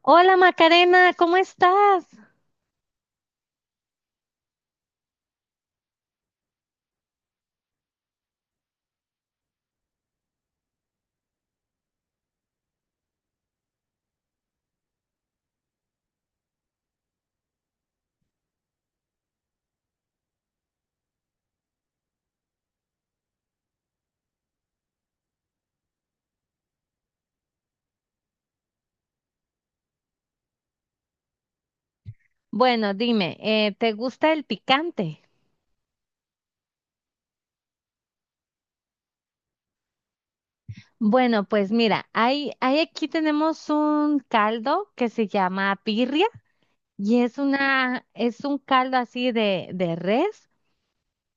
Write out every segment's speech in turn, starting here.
Hola Macarena, ¿cómo estás? Bueno, dime, ¿te gusta el picante? Bueno, pues mira, hay aquí tenemos un caldo que se llama birria y es un caldo así de res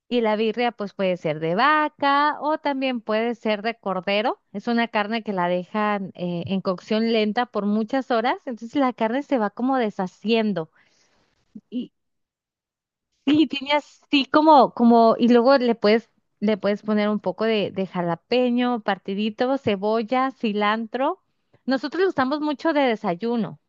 y la birria pues puede ser de vaca o también puede ser de cordero. Es una carne que la dejan en cocción lenta por muchas horas, entonces la carne se va como deshaciendo. Sí, tiene así y luego le puedes poner un poco de jalapeño, partidito, cebolla, cilantro. Nosotros lo usamos mucho de desayuno.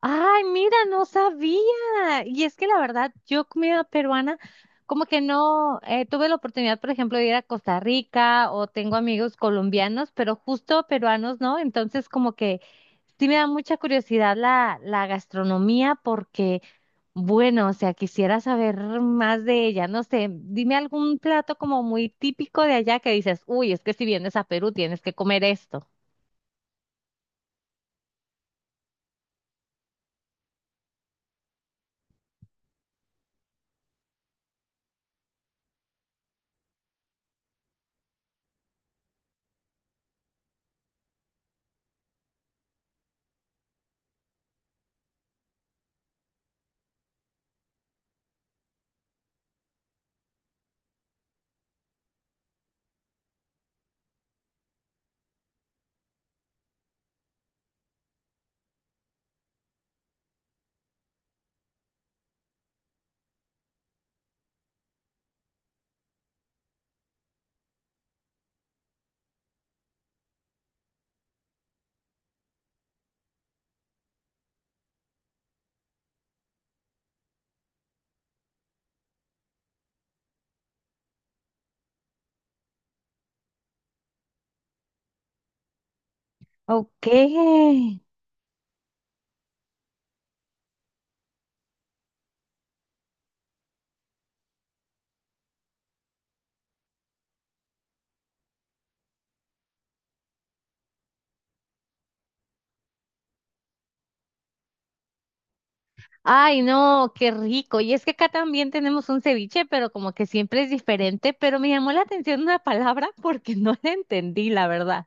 Ay, mira, no sabía. Y es que la verdad, yo comida peruana, como que no, tuve la oportunidad, por ejemplo, de ir a Costa Rica o tengo amigos colombianos, pero justo peruanos, ¿no? Entonces, como que sí me da mucha curiosidad la gastronomía porque... Bueno, o sea, quisiera saber más de ella. No sé, dime algún plato como muy típico de allá que dices, uy, es que si vienes a Perú tienes que comer esto. Ok. Ay, no, qué rico. Y es que acá también tenemos un ceviche, pero como que siempre es diferente. Pero me llamó la atención una palabra porque no la entendí, la verdad.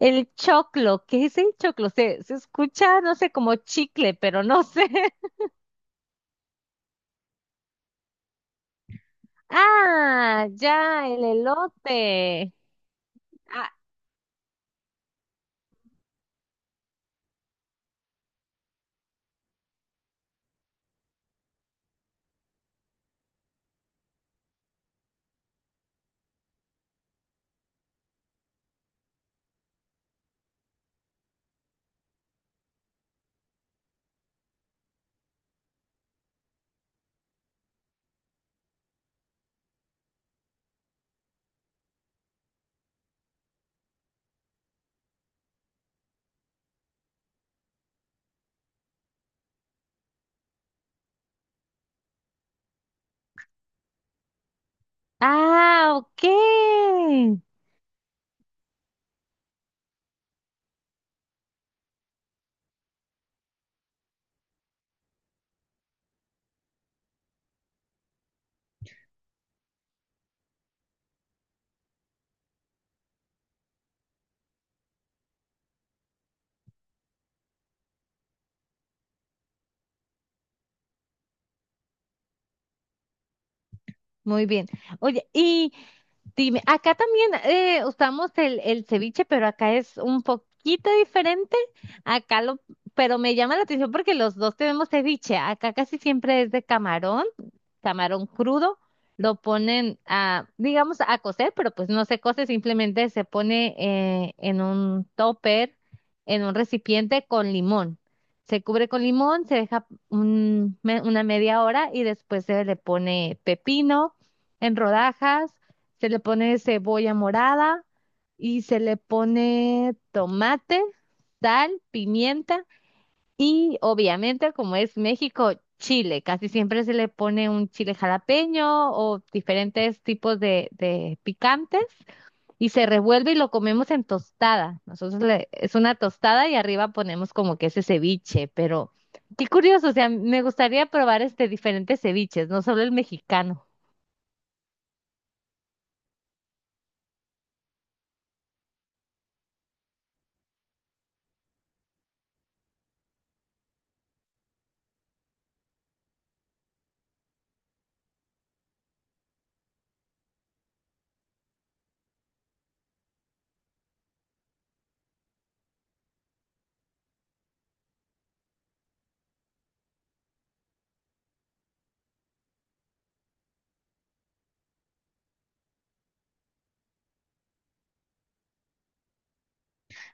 El choclo, ¿qué es el choclo? Se escucha, no sé, como chicle, pero no sé. Ah, ya, el elote. Ah, ok. Muy bien. Oye, y dime, acá también usamos el ceviche, pero acá es un poquito diferente. Acá lo, pero me llama la atención porque los dos tenemos ceviche. Acá casi siempre es de camarón, camarón crudo. Lo ponen a, digamos, a cocer, pero pues no se cose, simplemente se pone en un topper, en un recipiente con limón. Se cubre con limón, se deja una media hora y después se le pone pepino en rodajas, se le pone cebolla morada y se le pone tomate, sal, pimienta y obviamente, como es México, chile. Casi siempre se le pone un chile jalapeño o diferentes tipos de picantes y se revuelve y lo comemos en tostada. Nosotros le- es una tostada y arriba ponemos como que ese ceviche, pero qué curioso, o sea, me gustaría probar este diferentes ceviches, no solo el mexicano.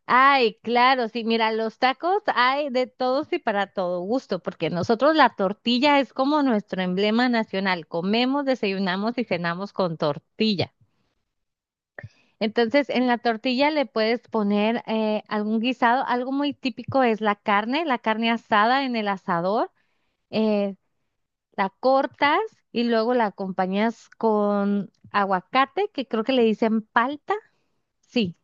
Ay, claro, sí, mira, los tacos hay de todos y para todo gusto, porque nosotros la tortilla es como nuestro emblema nacional. Comemos, desayunamos y cenamos con tortilla. Entonces, en la tortilla le puedes poner algún guisado. Algo muy típico es la carne asada en el asador. eh, la cortas y luego la acompañas con aguacate, que creo que le dicen palta. Sí,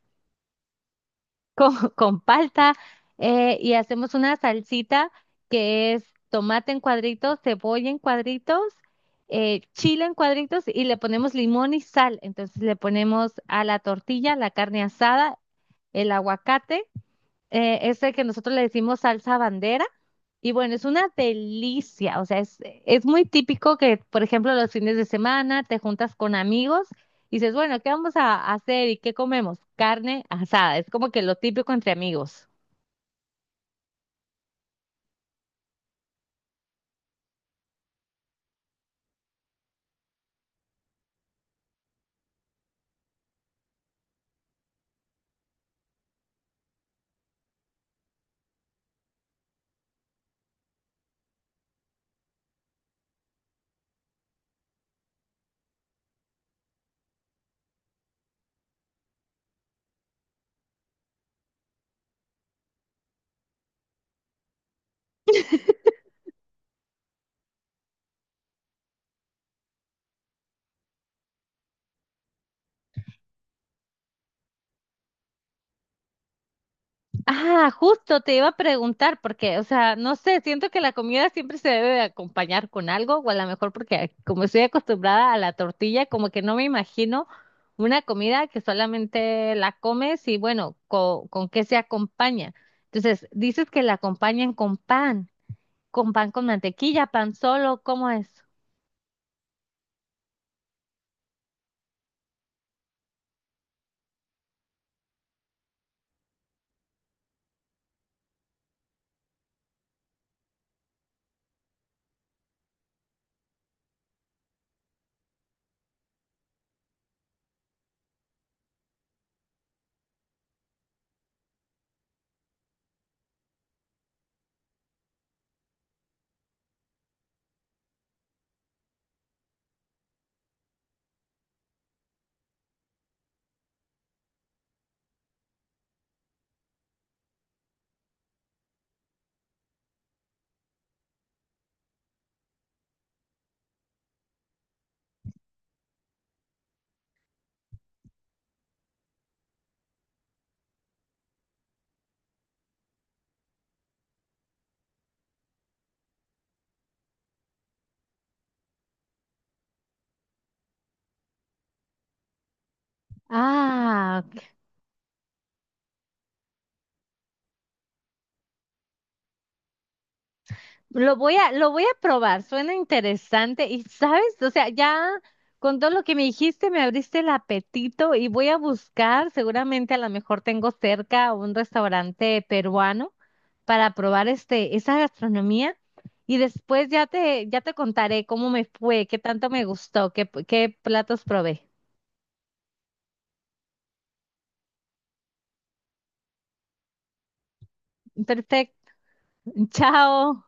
con palta y hacemos una salsita que es tomate en cuadritos, cebolla en cuadritos, chile en cuadritos y le ponemos limón y sal. Entonces le ponemos a la tortilla la carne asada, el aguacate, este que nosotros le decimos salsa bandera. Y bueno, es una delicia, o sea, es muy típico que, por ejemplo, los fines de semana te juntas con amigos y dices, bueno, ¿qué vamos a hacer y qué comemos? Carne asada, es como que lo típico entre amigos. Ah, justo te iba a preguntar, porque, o sea, no sé, siento que la comida siempre se debe de acompañar con algo, o a lo mejor porque como estoy acostumbrada a la tortilla, como que no me imagino una comida que solamente la comes y bueno, co- ¿con qué se acompaña? Entonces, dices que la acompañan con pan, con pan con mantequilla, pan solo, ¿cómo es? Ah, lo voy a, lo voy a probar, suena interesante y sabes, o sea, ya con todo lo que me dijiste me abriste el apetito y voy a buscar, seguramente a lo mejor tengo cerca un restaurante peruano para probar este, esa gastronomía y después ya ya te contaré cómo me fue, qué tanto me gustó, qué platos probé. Perfecto, chao.